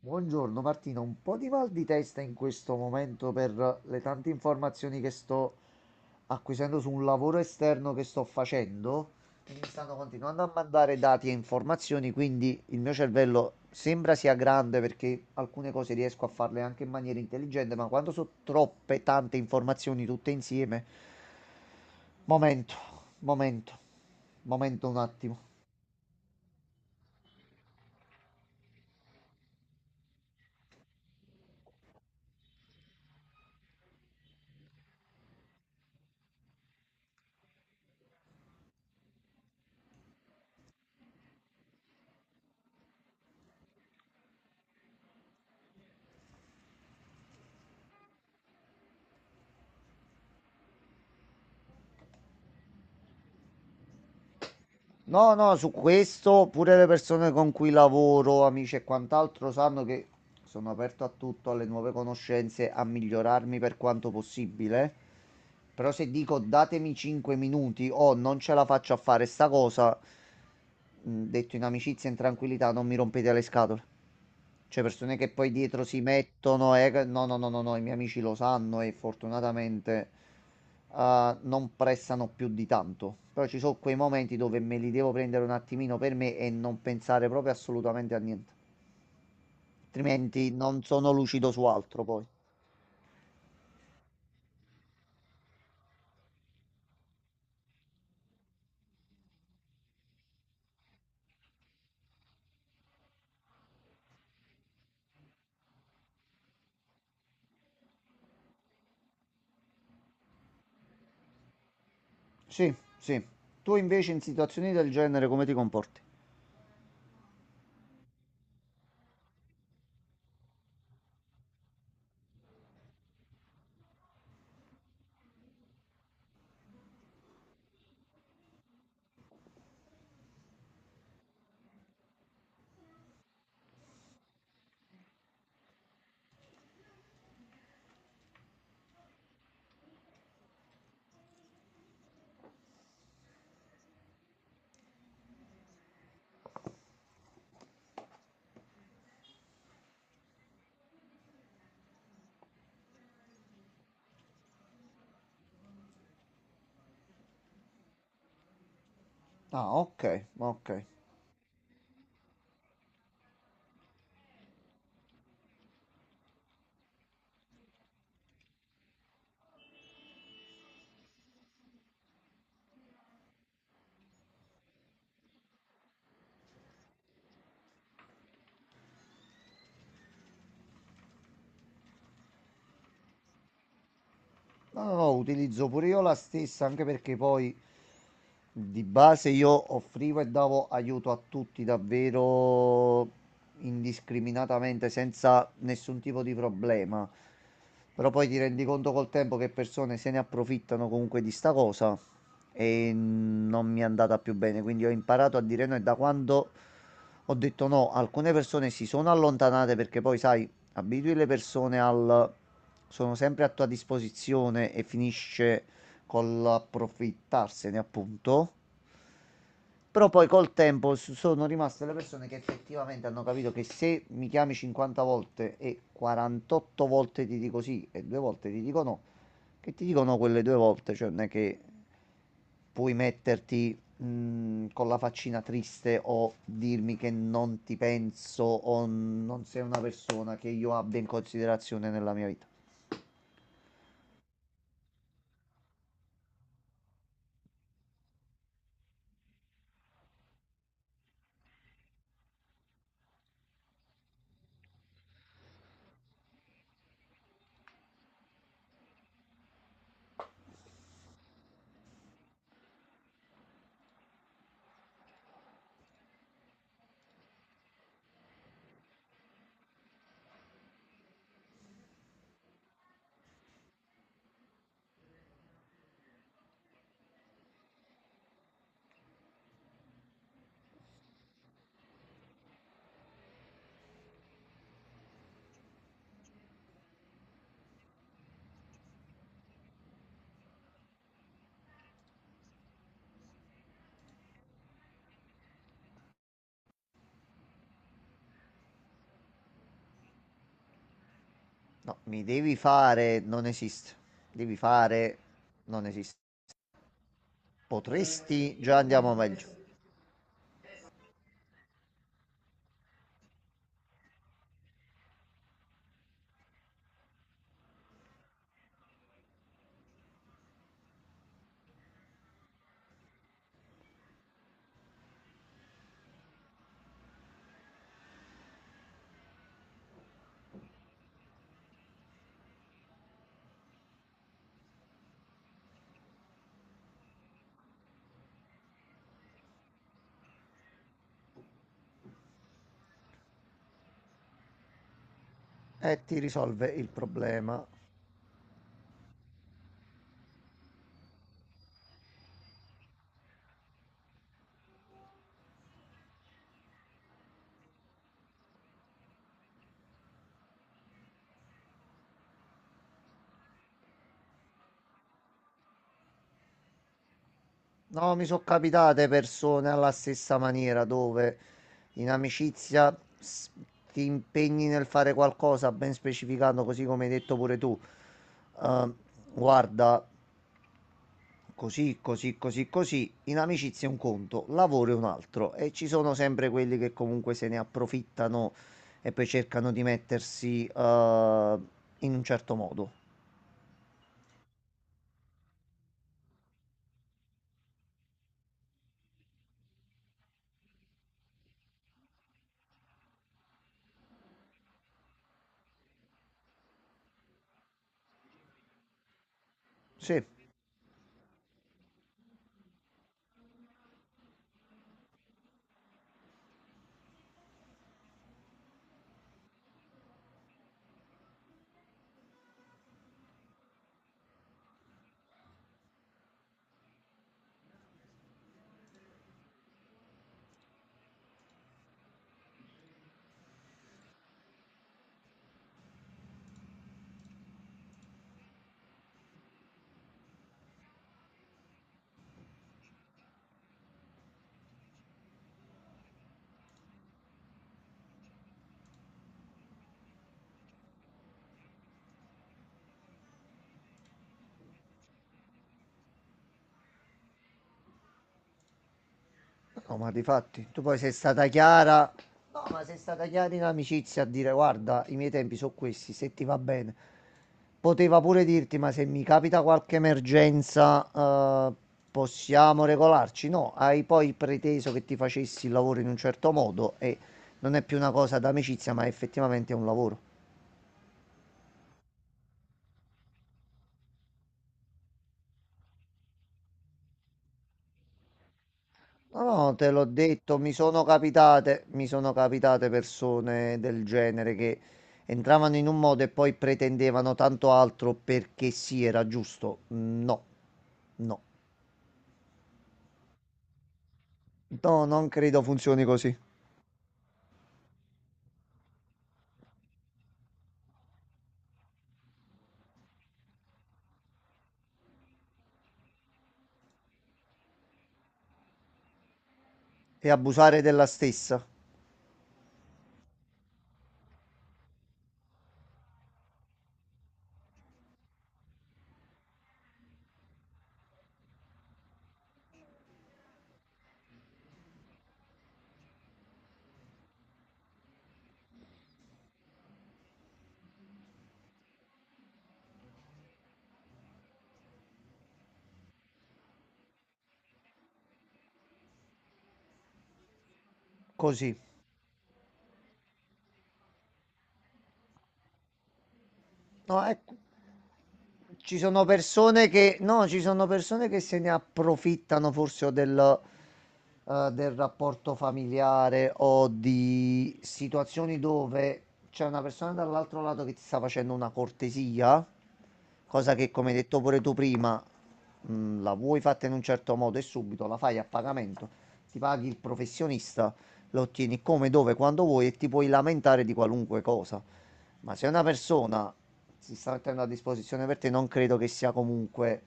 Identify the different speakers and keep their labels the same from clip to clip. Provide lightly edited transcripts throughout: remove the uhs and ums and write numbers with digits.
Speaker 1: Buongiorno Martina, un po' di mal di testa in questo momento per le tante informazioni che sto acquisendo su un lavoro esterno che sto facendo, che mi stanno continuando a mandare dati e informazioni, quindi il mio cervello sembra sia grande perché alcune cose riesco a farle anche in maniera intelligente, ma quando sono troppe tante informazioni tutte insieme, momento, momento, momento un attimo. No, no, su questo pure le persone con cui lavoro, amici e quant'altro, sanno che sono aperto a tutto, alle nuove conoscenze, a migliorarmi per quanto possibile. Però se dico datemi 5 minuti o non ce la faccio a fare sta cosa, detto in amicizia e in tranquillità, non mi rompete le scatole. Cioè persone che poi dietro si mettono e... No, no, no, no, no, i miei amici lo sanno e fortunatamente non prestano più di tanto. Però ci sono quei momenti dove me li devo prendere un attimino per me e non pensare proprio assolutamente a niente. Altrimenti non sono lucido su altro poi. Sì, sì. Tu invece in situazioni del genere come ti comporti? Ah, ok, ok. No, no, utilizzo pure io la stessa, anche perché poi di base io offrivo e davo aiuto a tutti davvero indiscriminatamente, senza nessun tipo di problema. Però poi ti rendi conto col tempo che persone se ne approfittano comunque di sta cosa e non mi è andata più bene, quindi ho imparato a dire no e da quando ho detto no, alcune persone si sono allontanate perché poi sai, abitui le persone al sono sempre a tua disposizione e finisce col approfittarsene, appunto. Però poi col tempo sono rimaste le persone che effettivamente hanno capito che se mi chiami 50 volte e 48 volte ti dico sì e due volte ti dico no, che ti dicono quelle due volte, cioè non è che puoi metterti con la faccina triste o dirmi che non ti penso o non sei una persona che io abbia in considerazione nella mia vita. No, mi devi fare, non esiste. Devi fare, non esiste. Potresti, già andiamo meglio. E ti risolve il problema. No, mi sono capitate persone alla stessa maniera dove in amicizia ti impegni nel fare qualcosa ben specificando, così come hai detto pure tu. Eh, guarda, così, così, così, così. In amicizia è un conto, lavoro è un altro. E ci sono sempre quelli che comunque se ne approfittano e poi cercano di mettersi, in un certo modo. Sì. No, ma difatti, tu poi sei stata chiara. No, ma sei stata chiara in amicizia a dire, guarda, i miei tempi sono questi, se ti va bene. Poteva pure dirti, ma se mi capita qualche emergenza, possiamo regolarci? No, hai poi preteso che ti facessi il lavoro in un certo modo e non è più una cosa d'amicizia, ma effettivamente è un lavoro. No, no, te l'ho detto, mi sono capitate persone del genere che entravano in un modo e poi pretendevano tanto altro perché sì, era giusto. No, no, no, non credo funzioni così. E abusare della stessa, così. No, ecco. Ci sono persone che, no, ci sono persone che se ne approfittano forse o del, del rapporto familiare o di situazioni dove c'è una persona dall'altro lato che ti sta facendo una cortesia, cosa che, come hai detto pure tu prima, la vuoi fatta in un certo modo e subito la fai a pagamento, ti paghi il professionista, lo ottieni come, dove, quando vuoi e ti puoi lamentare di qualunque cosa. Ma se una persona si sta mettendo a disposizione per te, non credo che sia comunque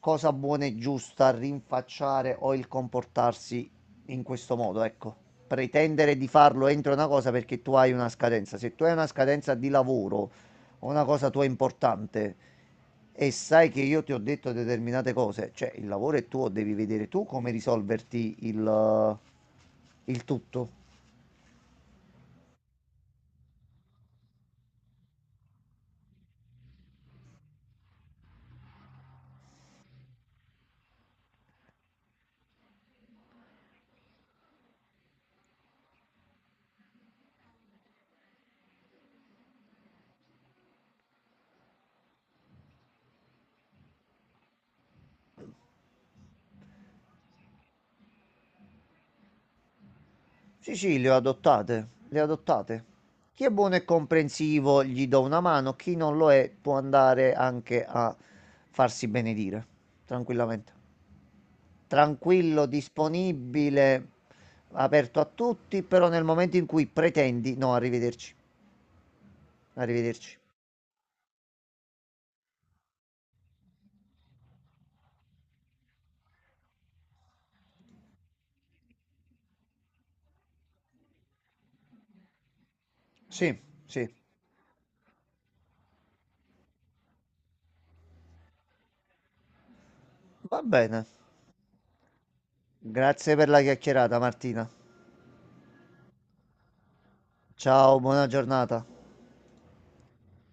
Speaker 1: cosa buona e giusta rinfacciare o il comportarsi in questo modo, ecco. Pretendere di farlo entro una cosa perché tu hai una scadenza. Se tu hai una scadenza di lavoro o una cosa tua importante e sai che io ti ho detto determinate cose, cioè il lavoro è tuo, devi vedere tu come risolverti il tutto. Sì, sì, le ho adottate, le ho adottate. Chi è buono e comprensivo gli do una mano, chi non lo è può andare anche a farsi benedire, tranquillamente. Tranquillo, disponibile, aperto a tutti, però nel momento in cui pretendi, no, arrivederci, arrivederci. Sì, sì, va bene. Grazie per la chiacchierata, Martina. Ciao, buona giornata.